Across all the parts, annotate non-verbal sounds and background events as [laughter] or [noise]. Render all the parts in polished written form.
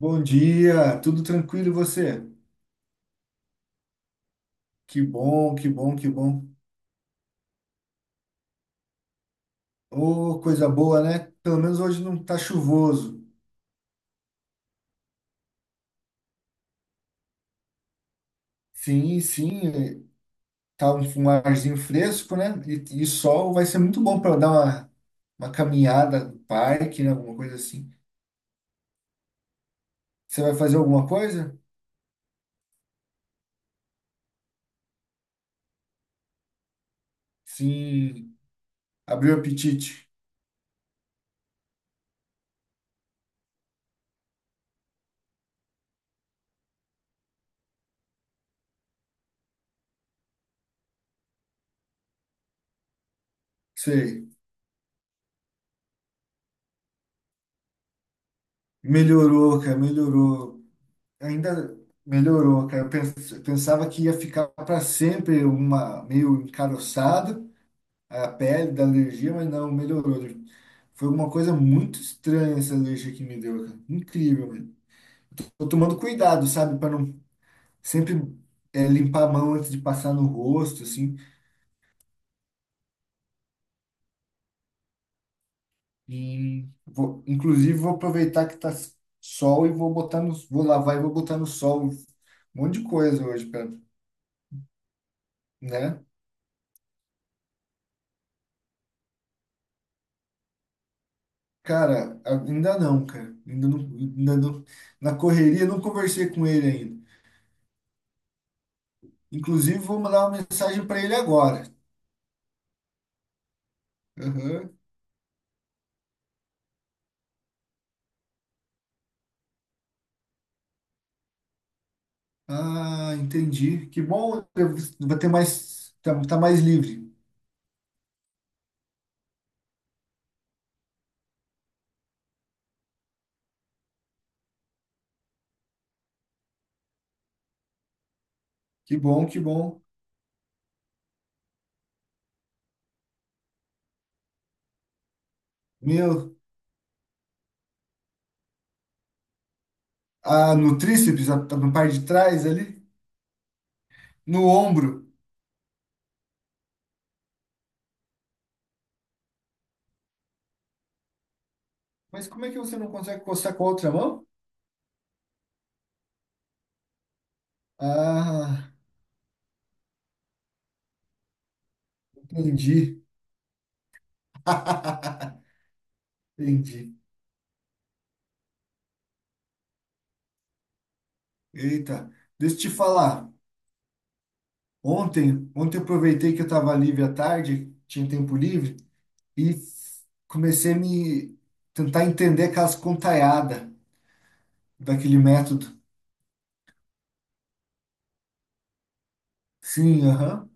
Bom dia, tudo tranquilo e você? Que bom, que bom, que bom. Ô, coisa boa, né? Pelo menos hoje não tá chuvoso. Sim, sim, é, tá um arzinho fresco, né? E sol vai ser muito bom para dar uma caminhada no parque, né? Alguma coisa assim. Você vai fazer alguma coisa? Sim, abriu o apetite. Sei. Melhorou, cara, melhorou. Ainda melhorou, cara. Eu pensava que ia ficar para sempre uma meio encaroçado, a pele da alergia, mas não, melhorou. Foi uma coisa muito estranha essa alergia que me deu, cara. Incrível, mano. Tô tomando cuidado, sabe, para não sempre limpar a mão antes de passar no rosto, assim. E vou, inclusive vou aproveitar que tá sol e vou lavar e vou botar no sol um monte de coisa hoje, cara, né? Cara. Ainda não, na correria não conversei com ele ainda. Inclusive vou mandar uma mensagem para ele agora. Aham. Ah, entendi. Que bom, eu vou ter mais, tá, tá mais livre. Que bom, que bom. Meu, ah, no tríceps, na parte de trás ali, no ombro. Mas como é que você não consegue coçar com a outra mão? Ah, entendi. [laughs] Entendi. Eita, deixa eu te falar. Ontem, ontem eu aproveitei que eu estava livre à tarde, tinha tempo livre, e comecei a me tentar entender aquelas contaiadas daquele método. Sim, aham.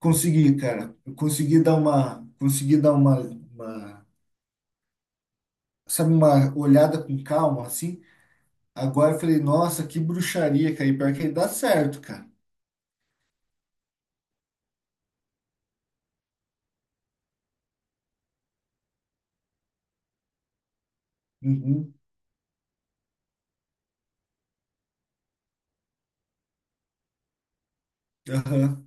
Consegui, cara. Eu consegui dar uma, sabe, uma olhada com calma, assim. Agora eu falei, nossa, que bruxaria, cara. E pior que aí dá certo, cara. Uhum, aham.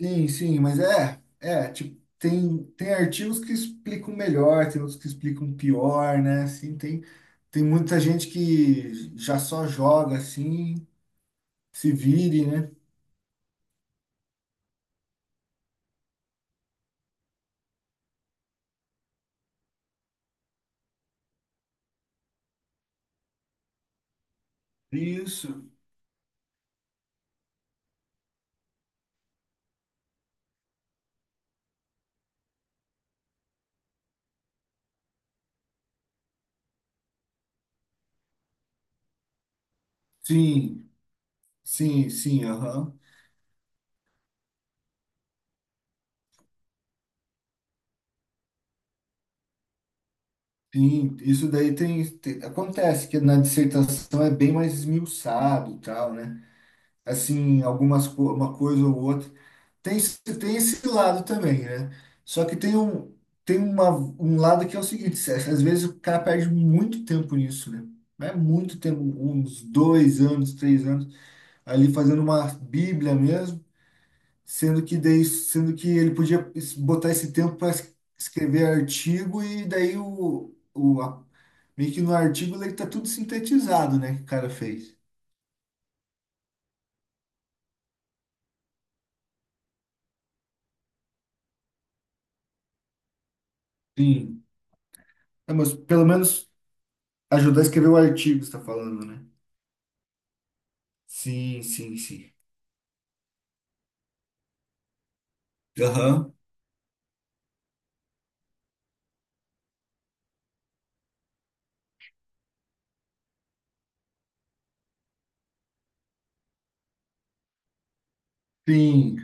Sim, sim, mas é, tipo, tem artigos que explicam melhor, tem outros que explicam pior, né? Assim, tem muita gente que já só joga, assim, se vire, né? Isso. Sim, sim, sim, aham. Sim, isso daí acontece que na dissertação é bem mais esmiuçado, e tal, né? Assim, uma coisa ou outra. Tem esse lado também, né? Só que tem um lado que é o seguinte, às vezes o cara perde muito tempo nisso, né? Mas é muito tempo, uns 2 anos, 3 anos, ali fazendo uma bíblia mesmo. Sendo que daí, sendo que ele podia botar esse tempo para escrever artigo e daí meio que no artigo ele tá tudo sintetizado, né, que o cara fez. Sim. É, mas pelo menos ajudar a escrever o artigo, você tá falando, né? Sim, sim, sim. Aham. Sim,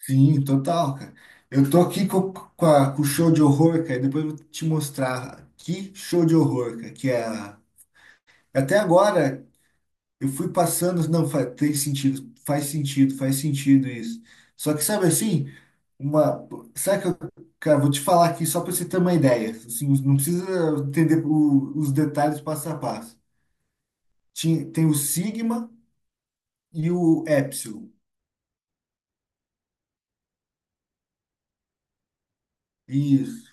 sim, total, cara. Eu tô aqui com o show de horror, cara, e depois eu vou te mostrar que show de horror, cara, que é até agora eu fui passando, não, faz, tem sentido, faz sentido, faz sentido isso. Só que sabe assim, uma, sabe que eu, cara, vou te falar aqui só para você ter uma ideia. Assim, não precisa entender os detalhes passo a passo. Tem o sigma e o epsilon. Isso.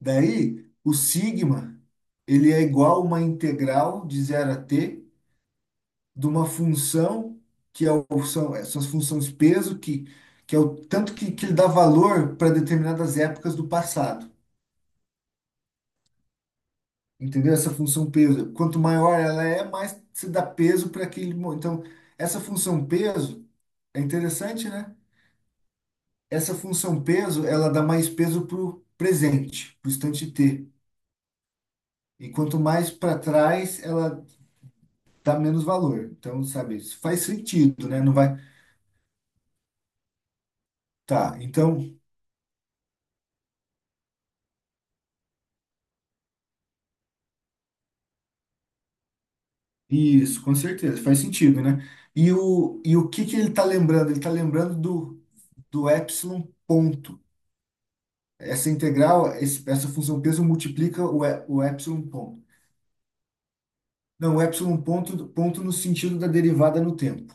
Daí, o sigma, ele é igual a uma integral de zero a t de uma função que é o, são essas funções peso que, é o tanto que ele dá valor para determinadas épocas do passado. Entendeu? Essa função peso, quanto maior ela é, mais se dá peso para aquele. Então, essa função peso é interessante, né? Essa função peso, ela dá mais peso para o presente, para o instante T. E quanto mais para trás, ela dá menos valor. Então, sabe, isso faz sentido, né? Não vai. Tá, então isso, com certeza, faz sentido, né? E o que que ele está lembrando? Ele está lembrando do epsilon ponto. Essa integral, essa função peso multiplica o epsilon ponto. Não, o epsilon ponto, ponto no sentido da derivada no tempo.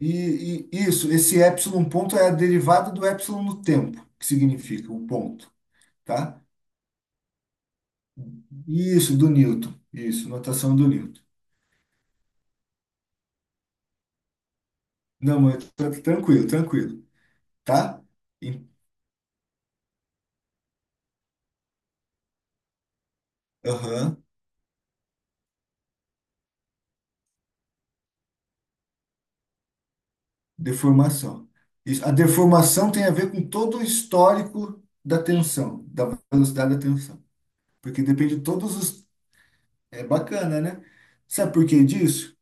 E isso, esse epsilon ponto é a derivada do epsilon no tempo, que significa o ponto, tá? Isso, do Newton. Isso, notação do Newton. Não, mas tá tranquilo, tranquilo, tá? E- Aham. Deformação. Isso. A deformação tem a ver com todo o histórico da tensão, da velocidade da tensão. Porque depende de todos os. É bacana, né? Sabe por que disso?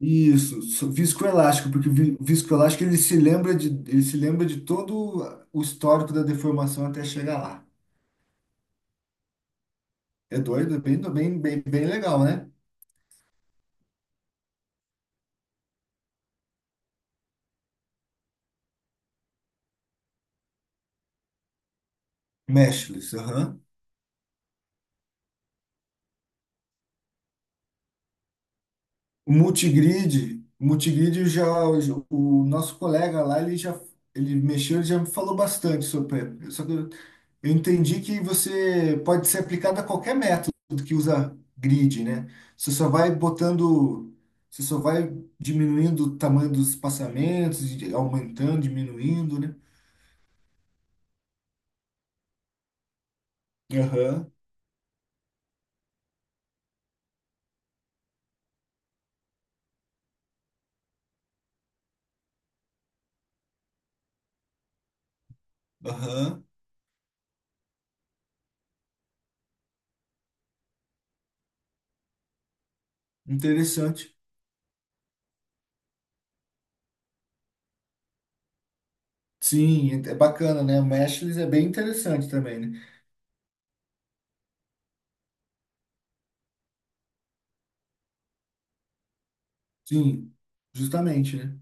Isso, viscoelástico, porque viscoelástico ele se lembra ele se lembra de todo o histórico da deformação até chegar lá. É doido, é bem, bem, bem, bem legal, né? Meshless, aham. O Multigrid já, o nosso colega lá, ele mexeu, ele já me falou bastante sobre, só que eu entendi que você pode ser aplicado a qualquer método que usa grid, né? Você só vai botando, você só vai diminuindo o tamanho dos espaçamentos, e aumentando, diminuindo, né? Aham, aham, interessante. Sim, é bacana, né? O Meshless é bem interessante também, né? Sim, justamente, né?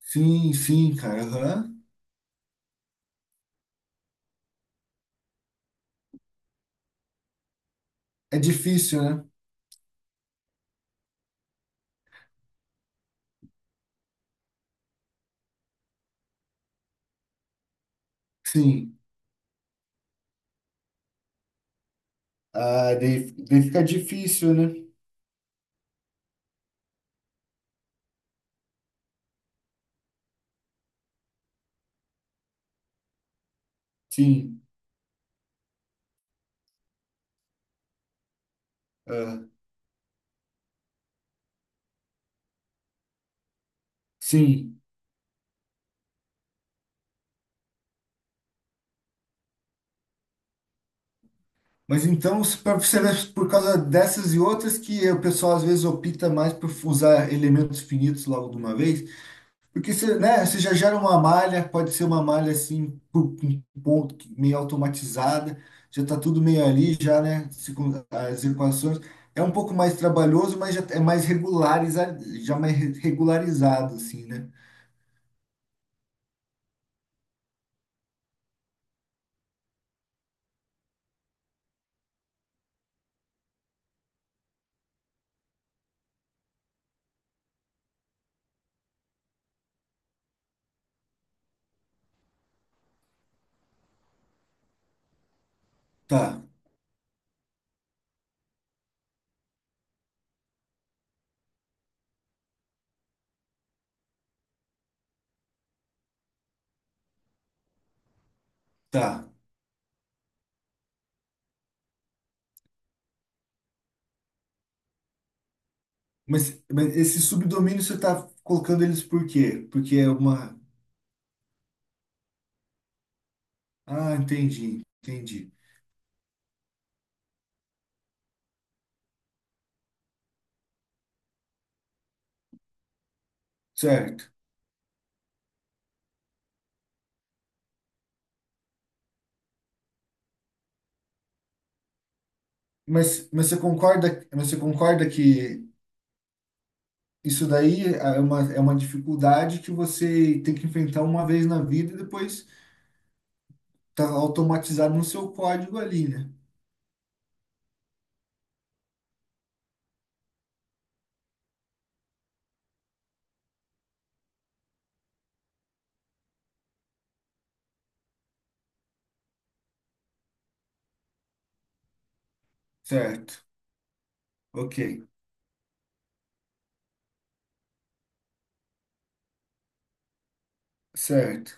Sim, sim, cara, aham. É difícil, né? Sim. Ah, daí fica difícil, né? Sim. Ah, sim. Mas então, pra você ver, por causa dessas e outras que o pessoal às vezes opta mais por usar elementos finitos logo de uma vez? Porque você, né, você já gera uma malha, pode ser uma malha assim, um ponto meio automatizada, já está tudo meio ali, já, né? se com- As equações. É um pouco mais trabalhoso, mas já é mais regularizado, já mais regularizado, assim, né? Tá, tá. Mas esse subdomínio você está colocando eles por quê? Porque é uma. Ah, entendi, entendi. Certo. Mas você concorda, mas você concorda que isso daí é uma dificuldade que você tem que enfrentar uma vez na vida e depois tá automatizado no seu código ali, né? Certo. Ok. Certo.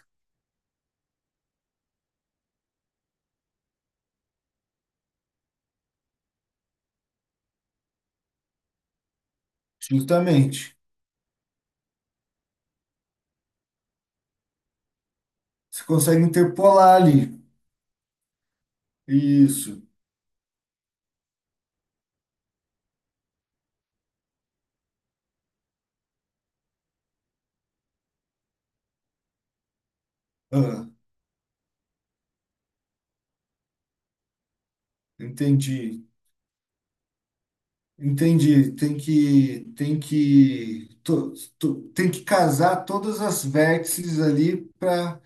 Justamente. Você consegue interpolar ali. Isso. Ah, entendi. Entendi. Tem que, tem que, tem que casar todas as vértices ali para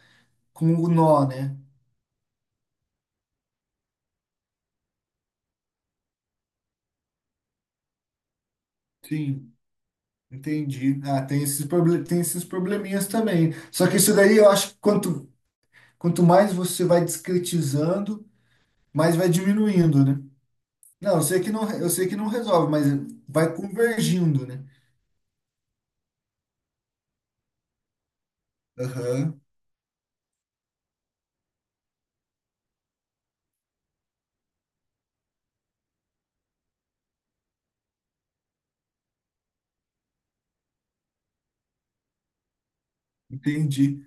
com o nó, né? Sim. Entendi. Ah, tem esses probleminhas também. Só que isso daí eu acho que quanto mais você vai discretizando, mais vai diminuindo, né? Não, eu sei que não, eu sei que não resolve, mas vai convergindo, né? Aham, entendi.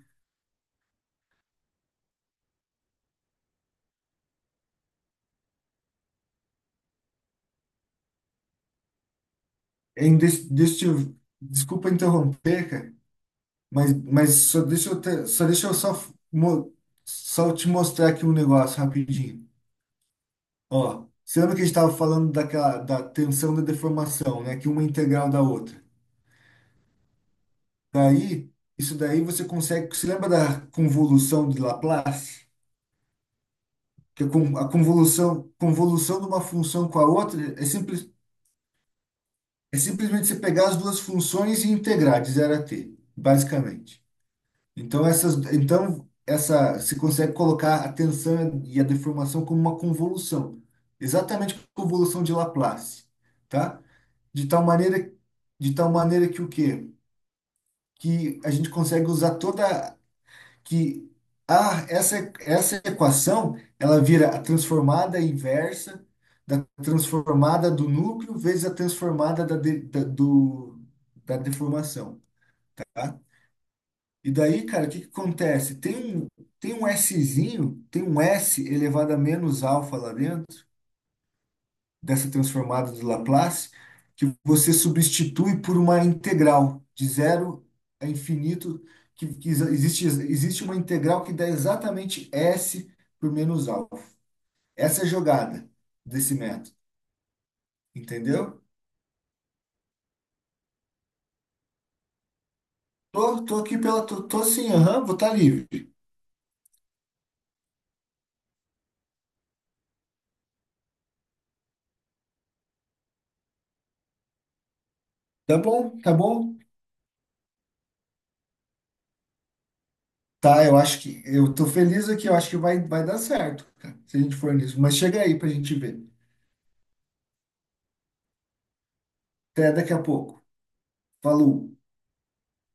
Ainda, deixa eu, desculpa interromper, cara, mas só só deixa eu só, mo- só te mostrar aqui um negócio rapidinho. Ó, você lembra que a gente estava falando daquela, da tensão da deformação, né? Que uma é integral da outra. Daí, isso daí você consegue. Você lembra da convolução de Laplace? Que a a convolução, de uma função com a outra é, simples, é simplesmente você pegar as duas funções e integrar de zero a t, basicamente. Então, essas, então essa, se consegue colocar a tensão e a deformação como uma convolução, exatamente a convolução de Laplace, tá? De tal maneira, de tal maneira que o quê? Que a gente consegue usar toda que essa equação ela vira a transformada inversa da transformada do núcleo vezes a transformada do, da deformação, tá? E daí, cara, o que que acontece? Tem um Szinho, tem um S elevado a menos alfa lá dentro, dessa transformada de Laplace, que você substitui por uma integral de zero a infinito, existe, uma integral que dá exatamente S por menos alfa. Essa é a jogada desse método, entendeu? Tô aqui pela. Tô sim, aham, vou estar livre. Tá bom, tá bom. Tá, eu acho que. Eu tô feliz aqui, eu acho que vai dar certo, cara, se a gente for nisso. Mas chega aí pra gente ver. Até daqui a pouco. Falou.